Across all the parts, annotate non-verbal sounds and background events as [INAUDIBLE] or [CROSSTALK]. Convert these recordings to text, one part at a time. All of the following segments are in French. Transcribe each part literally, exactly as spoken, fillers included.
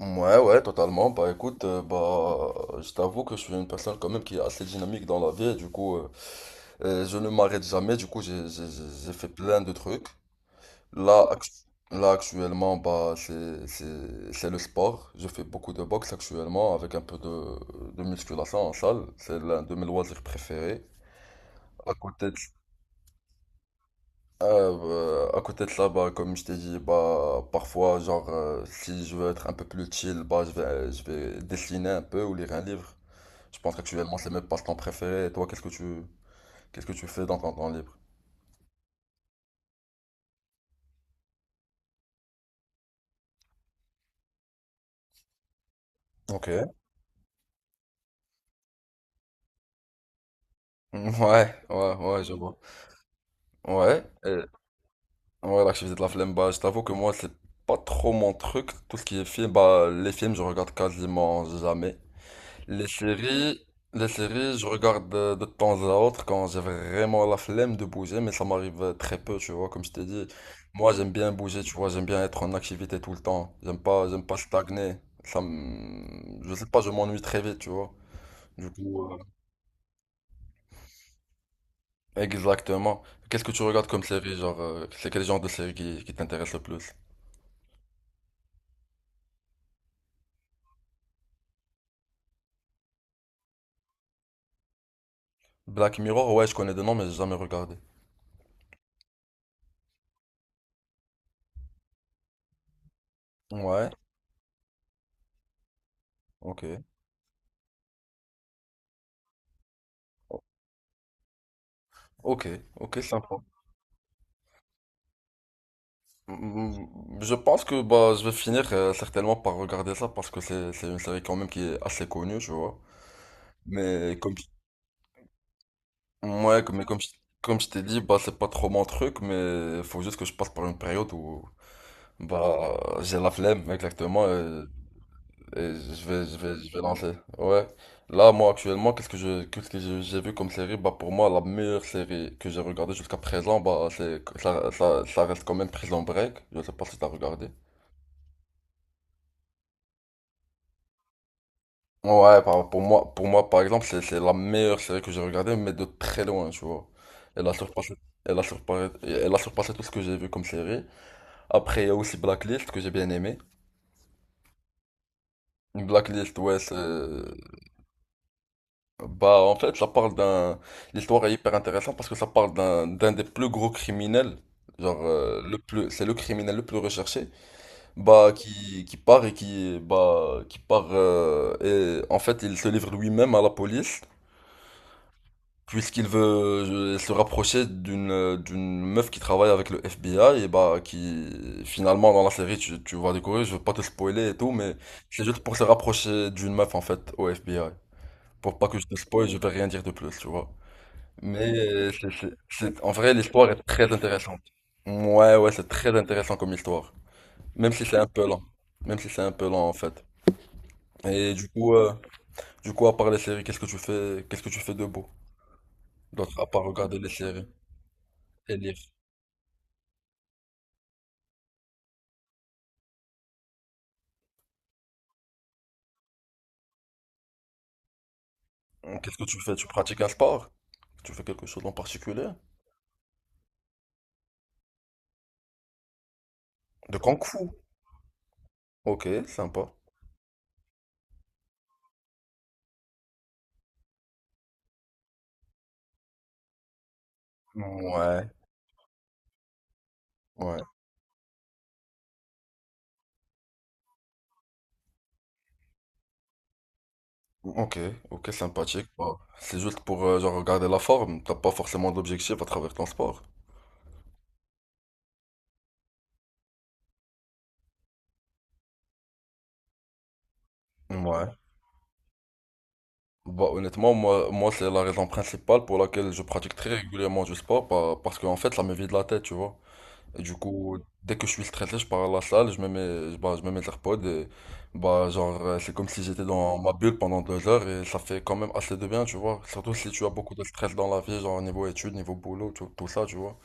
Ouais, ouais, totalement. Bah écoute, euh, bah, je t'avoue que je suis une personne quand même qui est assez dynamique dans la vie. Et du coup, euh, euh, je ne m'arrête jamais. Du coup, j'ai j'ai- j'ai- j'ai fait plein de trucs. Là, actu- là actuellement, bah, c'est c'est- c'est le sport. Je fais beaucoup de boxe actuellement avec un peu de, de musculation en salle. C'est l'un de mes loisirs préférés. À côté de Euh, bah, à côté de ça, bah, comme je t'ai dit, bah, parfois, genre, euh, si je veux être un peu plus chill, bah, je vais, je vais dessiner un peu ou lire un livre. Je pense qu'actuellement, c'est mes passe-temps préférés. Et toi, qu'est-ce que tu, qu'est-ce que tu fais dans ton temps libre? Ok. [LAUGHS] Mm, ouais, ouais, ouais, je vois. Ouais, et, ouais, l'activité de la flemme, bah, je t'avoue que moi, c'est pas trop mon truc. Tout ce qui est film, bah, les films, je regarde quasiment jamais. Les séries, les séries, je regarde euh, de temps à autre quand j'ai vraiment la flemme de bouger, mais ça m'arrive euh, très peu, tu vois, comme je t'ai dit. Moi, j'aime bien bouger, tu vois, j'aime bien être en activité tout le temps. J'aime pas, j'aime pas stagner. Ça me- Je sais pas, je m'ennuie très vite, tu vois. Du coup, euh, exactement. Qu'est-ce que tu regardes comme série, genre, euh, c'est quel genre de série qui, qui t'intéresse le plus? Black Mirror, ouais, je connais des noms, mais j'ai jamais regardé. Ouais, ok, ok, ok. Mm, Je pense que bah, je vais finir euh, certainement par regarder ça parce que c'est c'est une série quand même qui est assez connue, tu vois. Mais comme, ouais, comme- mais comme, je- comme je t'ai dit, bah, c'est pas trop mon truc, mais faut juste que je passe par une période où bah, j'ai la flemme exactement et, et je vais, je vais, je vais lancer. Ouais. Là, moi, actuellement, qu'est-ce que je, qu'est-ce que j'ai j'ai vu comme série? Bah, pour moi, la meilleure série que j'ai regardée jusqu'à présent, bah, c'est, ça, ça, ça reste quand même Prison Break. Je sais pas si t'as regardé. Ouais, par- pour moi, pour moi, par exemple, c'est c'est la meilleure série que j'ai regardée, mais de très loin, tu vois. Elle a surpassé, elle a surpassé, elle a surpassé tout ce que j'ai vu comme série. Après, il y a aussi Blacklist que j'ai bien aimé. Blacklist, ouais, c'est, bah, en fait, ça parle d'un, l'histoire est hyper intéressante parce que ça parle d'un, d'un des plus gros criminels, genre, euh, le plus, c'est le criminel le plus recherché, bah, qui, qui part et qui, bah, qui part, euh, et en fait, il se livre lui-même à la police. Puisqu'il veut euh, se rapprocher d'une euh, d'une meuf qui travaille avec le F B I et bah qui finalement dans la série tu, tu vas découvrir, je veux pas te spoiler et tout mais c'est juste pour se rapprocher d'une meuf en fait au F B I. Pour pas que je te spoil, je vais rien dire de plus, tu vois. Mais euh, c'est, c'est, c'est- en vrai l'histoire est très intéressante. Ouais ouais, c'est très intéressant comme histoire. Même si c'est un peu lent. Même si c'est un peu lent en fait. Et du coup euh, du coup à part les séries, qu'est-ce que tu fais qu'est-ce que tu fais de beau? D'autre à part regarder les séries et lire. Euh, Qu'est-ce que tu fais? Tu pratiques un sport? Tu fais quelque chose en particulier? De Kung Fu. Ok, sympa. Ouais, ouais. Ok, ok, sympathique. Bon, c'est juste pour euh, genre, regarder la forme. T'as pas forcément d'objectif à travers ton sport. Ouais. Bah, honnêtement, moi, moi c'est la raison principale pour laquelle je pratique très régulièrement du sport. Pa- parce qu'en fait, ça me vide la tête, tu vois. Et du coup, dès que je suis stressé, je pars à la salle, je me mets, bah, je me mets les AirPods et bah, genre, euh, c'est comme si j'étais dans ma bulle pendant deux heures et ça fait quand même assez de bien, tu vois. Surtout si tu as beaucoup de stress dans la vie, genre niveau études, niveau boulot, tout, tout ça, tu vois.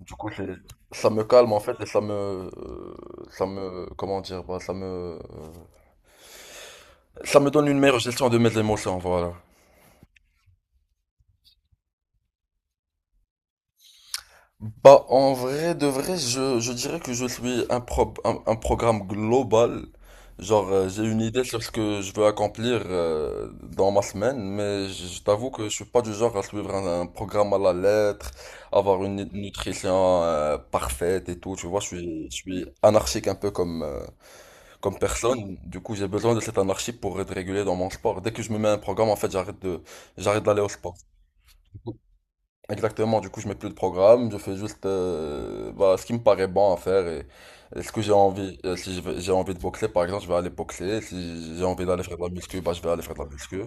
Du coup, c'est, Ça me calme en fait et ça me, euh, ça me, comment dire, bah, ça me, ça me donne une meilleure gestion de mes émotions, voilà. Bah, en vrai, de vrai, je, je dirais que je suis un, pro- un, un programme global. Genre, euh, j'ai une idée sur ce que je veux accomplir euh, dans ma semaine, mais je, je t'avoue que je suis pas du genre à suivre un, un programme à la lettre, avoir une nut- nutrition euh, parfaite et tout. Tu vois, je suis, je suis anarchique un peu comme, euh, comme personne. Du coup, j'ai besoin de cette anarchie pour être régulé dans mon sport. Dès que je me mets un programme, en fait, j'arrête de, j'arrête d'aller au sport. Exactement, du coup, je mets plus de programme, je fais juste euh, bah, ce qui me paraît bon à faire et, et ce que j'ai envie. Euh, si je vais- J'ai envie de boxer, par exemple, je vais aller boxer. Si j'ai envie d'aller faire de la muscu, bah, je vais aller faire de la muscu.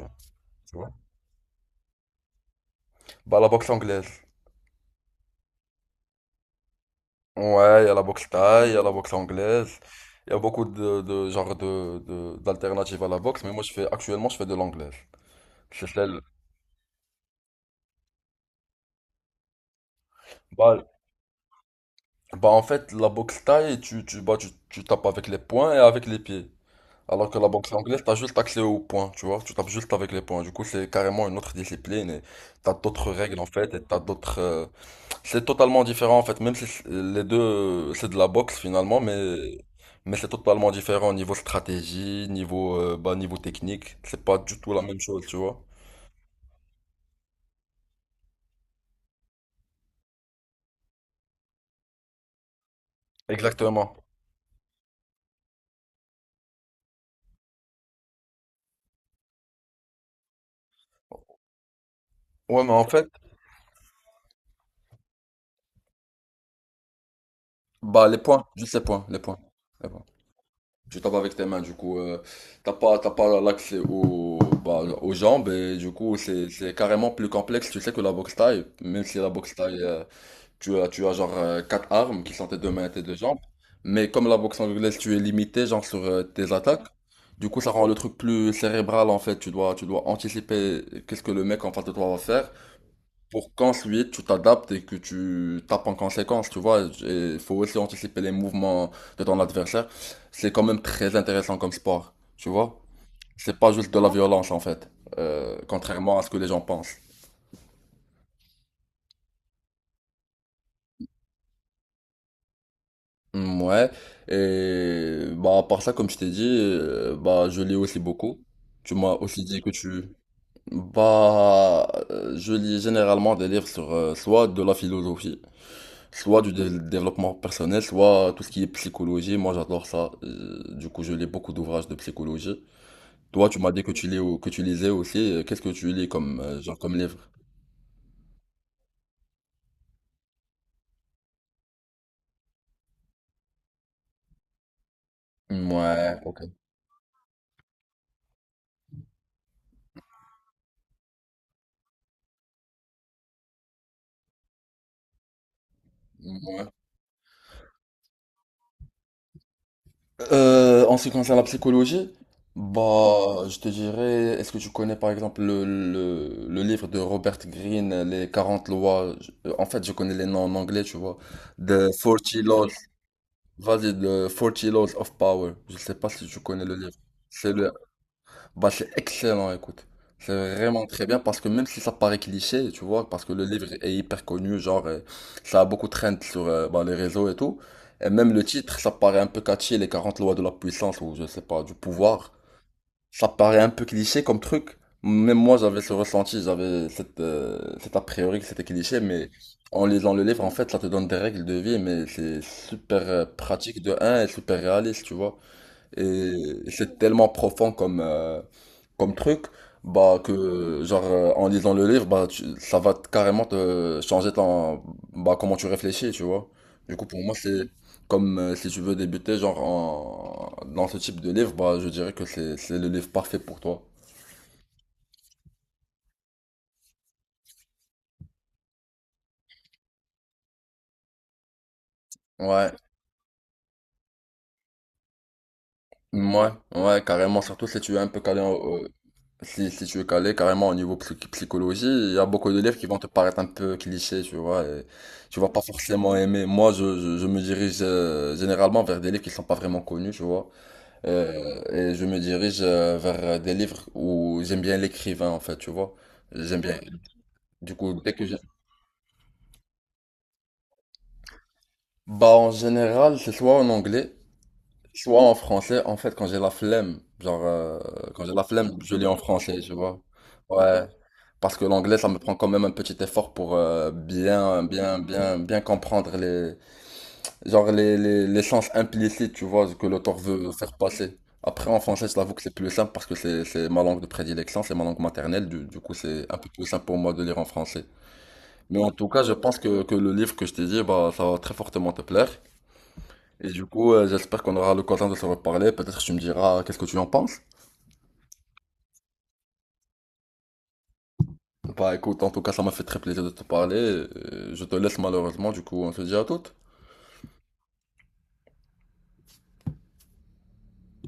Bah, la boxe anglaise. Ouais, il y a la boxe thaï, il y a la boxe anglaise. Il y a beaucoup de, de genres de, de- d'alternatives à la boxe, mais moi, je fais, actuellement, je fais de l'anglaise. C'est celle. Bah, bah, en fait, la boxe thaï, tu, tu, bah, tu, tu tapes avec les poings et avec les pieds. Alors que la boxe anglaise, t'as juste accès aux points, tu vois. Tu tapes juste avec les points. Du coup, c'est carrément une autre discipline et t'as d'autres règles en fait et t'as d'autres. euh, C'est totalement différent en fait. Même si c'est- les deux, euh, c'est de la boxe finalement, mais mais c'est totalement différent au niveau stratégie, niveau euh, bah, niveau technique. C'est pas du tout la même chose, tu vois. Exactement. Ouais, mais en fait, bah les points, juste les points, les points. Tu tapes avec tes mains, du coup, euh, t'as pas, t'as pas l'accès aux, bah, aux jambes et du coup, c'est, c'est carrément plus complexe, tu sais, que la boxe thaï. Même si la boxe thaï, euh, tu as, tu as genre euh, quatre armes qui sont tes deux mains et tes deux jambes. Mais comme la boxe anglaise, tu es limité, genre, sur euh, tes attaques. Du coup, ça rend le truc plus cérébral, en fait. Tu dois, tu dois anticiper qu'est-ce que le mec en face de toi va faire pour qu'ensuite tu t'adaptes et que tu tapes en conséquence, tu vois. Et il faut aussi anticiper les mouvements de ton adversaire. C'est quand même très intéressant comme sport, tu vois. C'est pas juste de la violence en fait, euh, contrairement à ce que les gens pensent. Mm, ouais, et bah, à part ça, comme je t'ai dit, euh, bah, je lis aussi beaucoup. Tu m'as aussi dit que tu. Bah, euh, je lis généralement des livres sur euh, soit de la philosophie, soit du dé- développement personnel, soit tout ce qui est psychologie. Moi, j'adore ça. Euh, Du coup, je lis beaucoup d'ouvrages de psychologie. Toi, tu m'as dit que tu lis, au- que tu lisais aussi. Euh, Qu'est-ce que tu lis comme, euh, genre, comme livre? Ouais, ok. Ouais. Euh, en ce qui concerne la psychologie, bah, je te dirais, est-ce que tu connais par exemple le, le, le livre de Robert Greene, Les quarante lois? Je- euh, En fait, je connais les noms en anglais, tu vois. The forty Laws, vas-y, The forty Laws of Power. Je sais pas si tu connais le livre. C'est le Bah, c'est excellent, écoute. C'est vraiment très bien parce que même si ça paraît cliché, tu vois, parce que le livre est hyper connu, genre, euh, ça a beaucoup trend sur euh, bah, les réseaux et tout. Et même le titre, ça paraît un peu catchy, les quarante lois de la puissance ou je sais pas, du pouvoir. Ça paraît un peu cliché comme truc. Même moi, j'avais ce ressenti, j'avais cette, euh, cet a priori que c'était cliché, mais en lisant le livre, en fait, ça te donne des règles de vie, mais c'est super euh, pratique de un et super réaliste, tu vois. Et c'est tellement profond comme, euh, comme truc, bah que genre euh, en lisant le livre, bah tu- ça va t- carrément te changer ton bah comment tu réfléchis, tu vois. Du coup, pour moi, c'est comme euh, si tu veux débuter genre en dans ce type de livre, bah je dirais que c'est c'est le livre parfait pour toi. Ouais, ouais, ouais, carrément, surtout si tu es un peu calé en- Si, si tu es calé carrément au niveau psy- psychologie, il y a beaucoup de livres qui vont te paraître un peu clichés, tu vois, et tu vas pas forcément aimer. Moi, je, je, je me dirige euh, généralement vers des livres qui sont pas vraiment connus, tu vois, euh, et je me dirige euh, vers des livres où j'aime bien l'écrivain, en fait, tu vois. J'aime bien. Du coup, dès que j'ai... Bah, en général, c'est soit en anglais, soit en français, en fait, quand j'ai la flemme, genre, euh, quand j'ai la flemme, je lis en français, tu vois. Ouais. Parce que l'anglais, ça me prend quand même un petit effort pour euh, bien, bien, bien, bien comprendre les, genre les, les, les sens implicites, tu vois, que l'auteur veut faire passer. Après, en français, je t'avoue que c'est plus simple parce que c'est, c'est ma langue de prédilection, c'est ma langue maternelle, du, du coup, c'est un peu plus simple pour moi de lire en français. Mais en tout cas, je pense que, que le livre que je t'ai dit, bah, ça va très fortement te plaire. Et du coup, euh, j'espère qu'on aura l'occasion de se reparler. Peut-être que tu me diras qu'est-ce que tu en penses. Bah écoute, en tout cas, ça m'a fait très plaisir de te parler. Euh, Je te laisse malheureusement, du coup, on se dit à toutes.